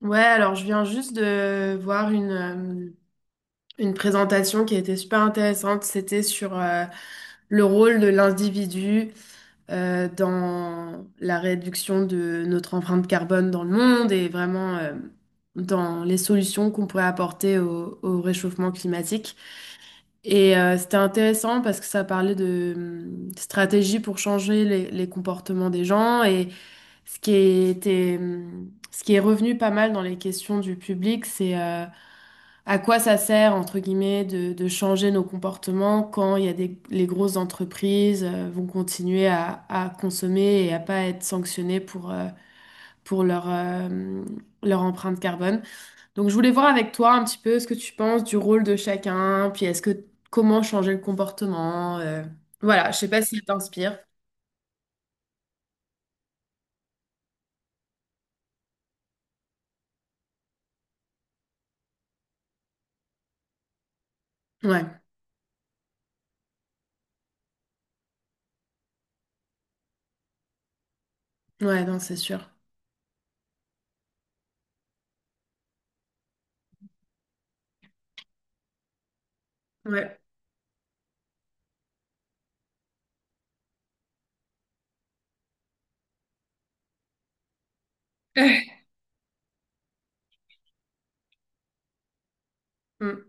Ouais, alors je viens juste de voir une présentation qui a été super intéressante. C'était sur le rôle de l'individu dans la réduction de notre empreinte carbone dans le monde et vraiment dans les solutions qu'on pourrait apporter au réchauffement climatique. Et c'était intéressant parce que ça parlait de stratégies pour changer les comportements des gens ce qui était, ce qui est revenu pas mal dans les questions du public, c'est à quoi ça sert, entre guillemets, de changer nos comportements quand il y a les grosses entreprises vont continuer à consommer et à pas être sanctionnées pour leur empreinte carbone. Donc je voulais voir avec toi un petit peu ce que tu penses du rôle de chacun, puis est-ce que comment changer le comportement. Voilà, je sais pas si ça t'inspire. Ouais, ouais, non, c'est sûr. Ouais. Mm,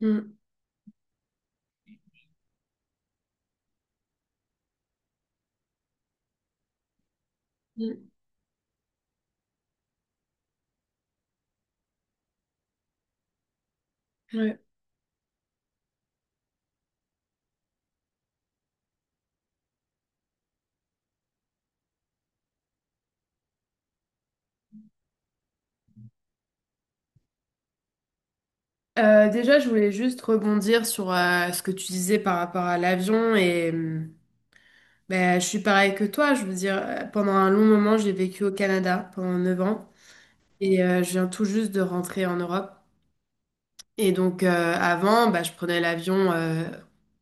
mm, mm. Ouais. Déjà, je voulais juste rebondir sur ce que tu disais par rapport à l'avion et ben, je suis pareil que toi. Je veux dire, pendant un long moment, j'ai vécu au Canada pendant 9 ans et je viens tout juste de rentrer en Europe. Et donc, avant, bah, je prenais l'avion,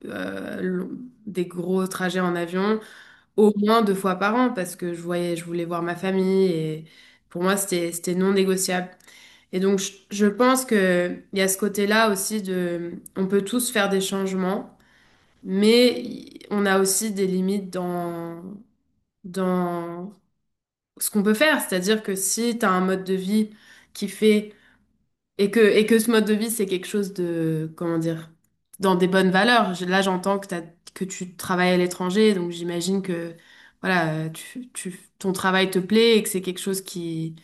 euh, long- des gros trajets en avion, au moins 2 fois par an parce que je voyais, je voulais voir ma famille et pour moi, c'était non négociable. Et donc, je pense que il y a ce côté-là aussi de, on peut tous faire des changements, mais on a aussi des limites dans ce qu'on peut faire. C'est-à-dire que si tu as un mode de vie qui fait, et que ce mode de vie, c'est quelque chose de, comment dire, dans des bonnes valeurs. Là, j'entends que tu travailles à l'étranger, donc j'imagine que, voilà, ton travail te plaît et que c'est quelque chose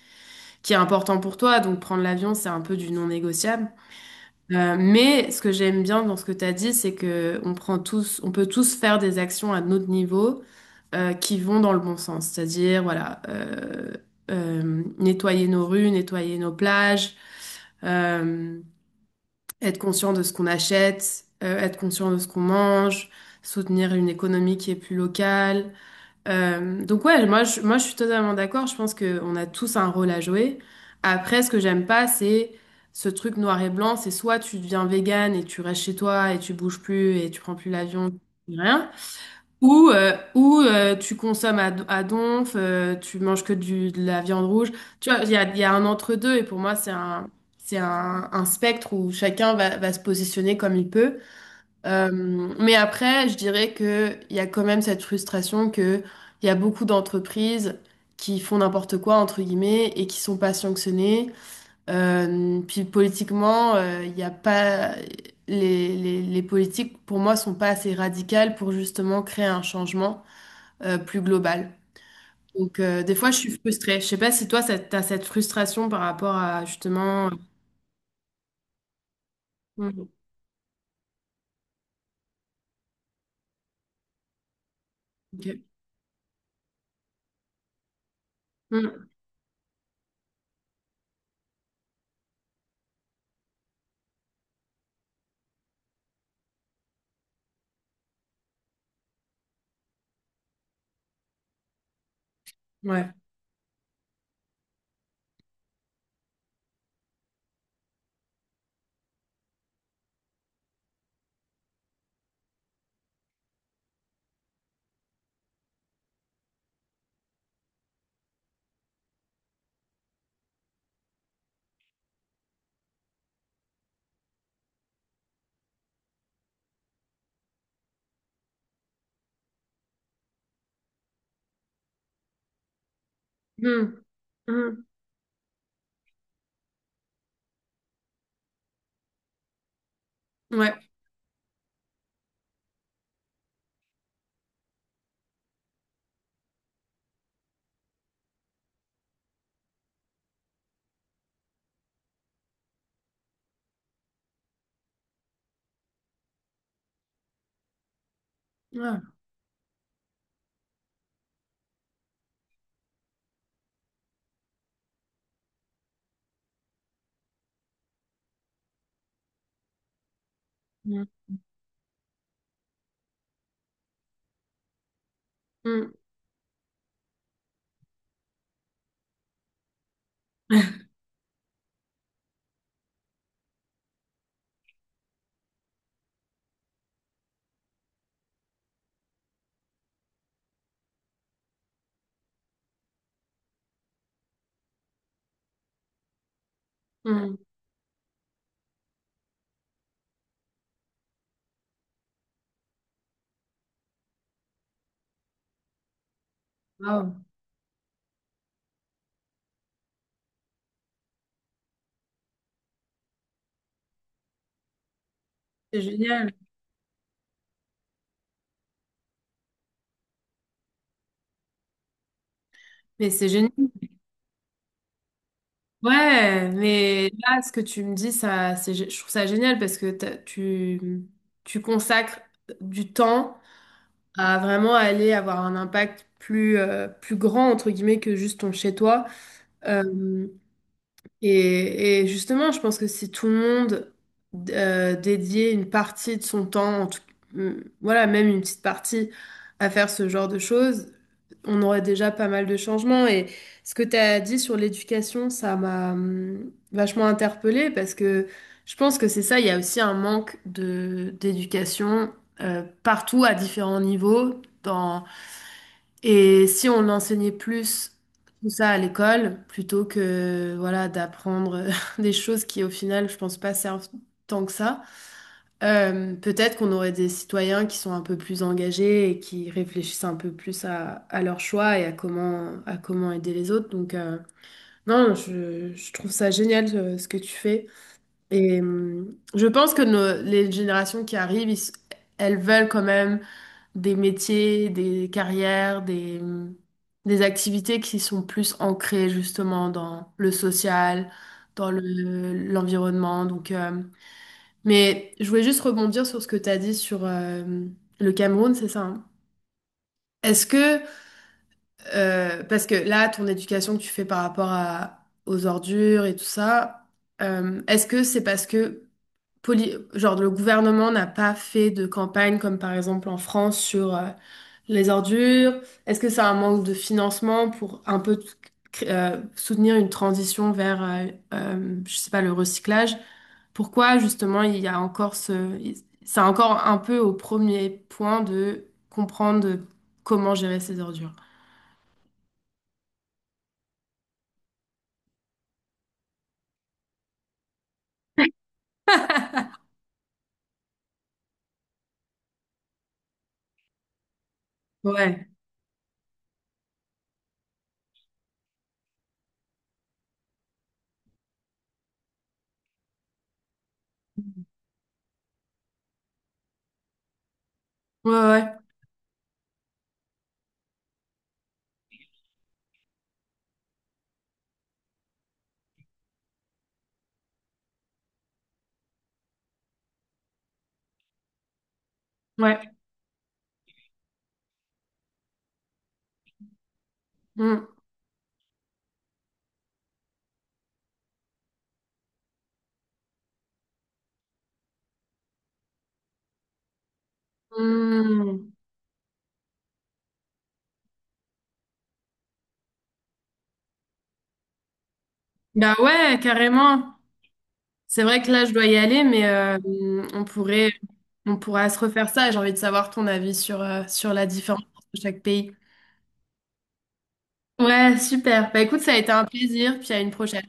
qui est important pour toi. Donc, prendre l'avion, c'est un peu du non négociable. Mais ce que j'aime bien dans ce que tu as dit, c'est que on prend tous, on peut tous faire des actions à notre niveau qui vont dans le bon sens. C'est-à-dire, voilà, nettoyer nos rues, nettoyer nos plages, euh, être conscient de ce qu'on achète, être conscient de ce qu'on mange, soutenir une économie qui est plus locale, donc ouais, moi je suis totalement d'accord. Je pense qu'on a tous un rôle à jouer. Après, ce que j'aime pas, c'est ce truc noir et blanc. C'est soit tu deviens végane et tu restes chez toi et tu bouges plus et tu prends plus l'avion, rien. Ou tu consommes à donf, tu manges que de la viande rouge. Tu vois, il y a un entre-deux et pour moi c'est un spectre où chacun va se positionner comme il peut. Euh, mais après, je dirais que il y a quand même cette frustration que il y a beaucoup d'entreprises qui font n'importe quoi, entre guillemets, et qui sont pas sanctionnées. Puis politiquement, il y a pas... Les politiques, pour moi, sont pas assez radicales pour justement créer un changement plus global. Donc, des fois, je suis frustrée. Je sais pas si toi, t'as cette frustration par rapport à justement... Mhm. Ok. Mhm. Ouais. Mhm. Mhm. Ouais. Ouais. Mhm. Hmm. Wow, c'est génial. Mais c'est génial. Ouais, mais là, ce que tu me dis, ça, je trouve ça génial parce que tu, tu consacres du temps à vraiment aller avoir un impact plus, plus grand, entre guillemets, que juste ton chez-toi. Euh, et justement, je pense que si tout le monde dédiait une partie de son temps, en tout, voilà, même une petite partie à faire ce genre de choses, on aurait déjà pas mal de changements. Et ce que tu as dit sur l'éducation, ça m'a vachement interpellée parce que je pense que c'est ça, il y a aussi un manque de d'éducation partout à différents niveaux. Dans... Et si on enseignait plus tout ça à l'école, plutôt que voilà, d'apprendre des choses qui au final, je pense pas servent tant que ça. Peut-être qu'on aurait des citoyens qui sont un peu plus engagés et qui réfléchissent un peu plus à leurs choix et à à comment aider les autres. Donc, non, je trouve ça génial ce que tu fais. Et je pense que les générations qui arrivent, elles veulent quand même des métiers, des carrières, des des activités qui sont plus ancrées justement dans le social, l'environnement. Donc, mais je voulais juste rebondir sur ce que tu as dit sur le Cameroun, c'est ça, hein? Est-ce que, parce que là, ton éducation que tu fais par rapport aux ordures et tout ça, est-ce que c'est parce que genre, le gouvernement n'a pas fait de campagne comme par exemple en France sur les ordures, est-ce que c'est un manque de financement pour un peu soutenir une transition vers, je sais pas, le recyclage? Pourquoi justement il y a encore ce... C'est encore un peu au premier point de comprendre comment gérer ces ordures. Ouais, ouais, ouais, ouais. Mm. Mm. Bah ouais, carrément. C'est vrai que là, je dois y aller, mais on pourrait, on pourra se refaire ça. J'ai envie de savoir ton avis sur, sur la différence entre chaque pays. Ouais, super. Bah écoute, ça a été un plaisir, puis à une prochaine.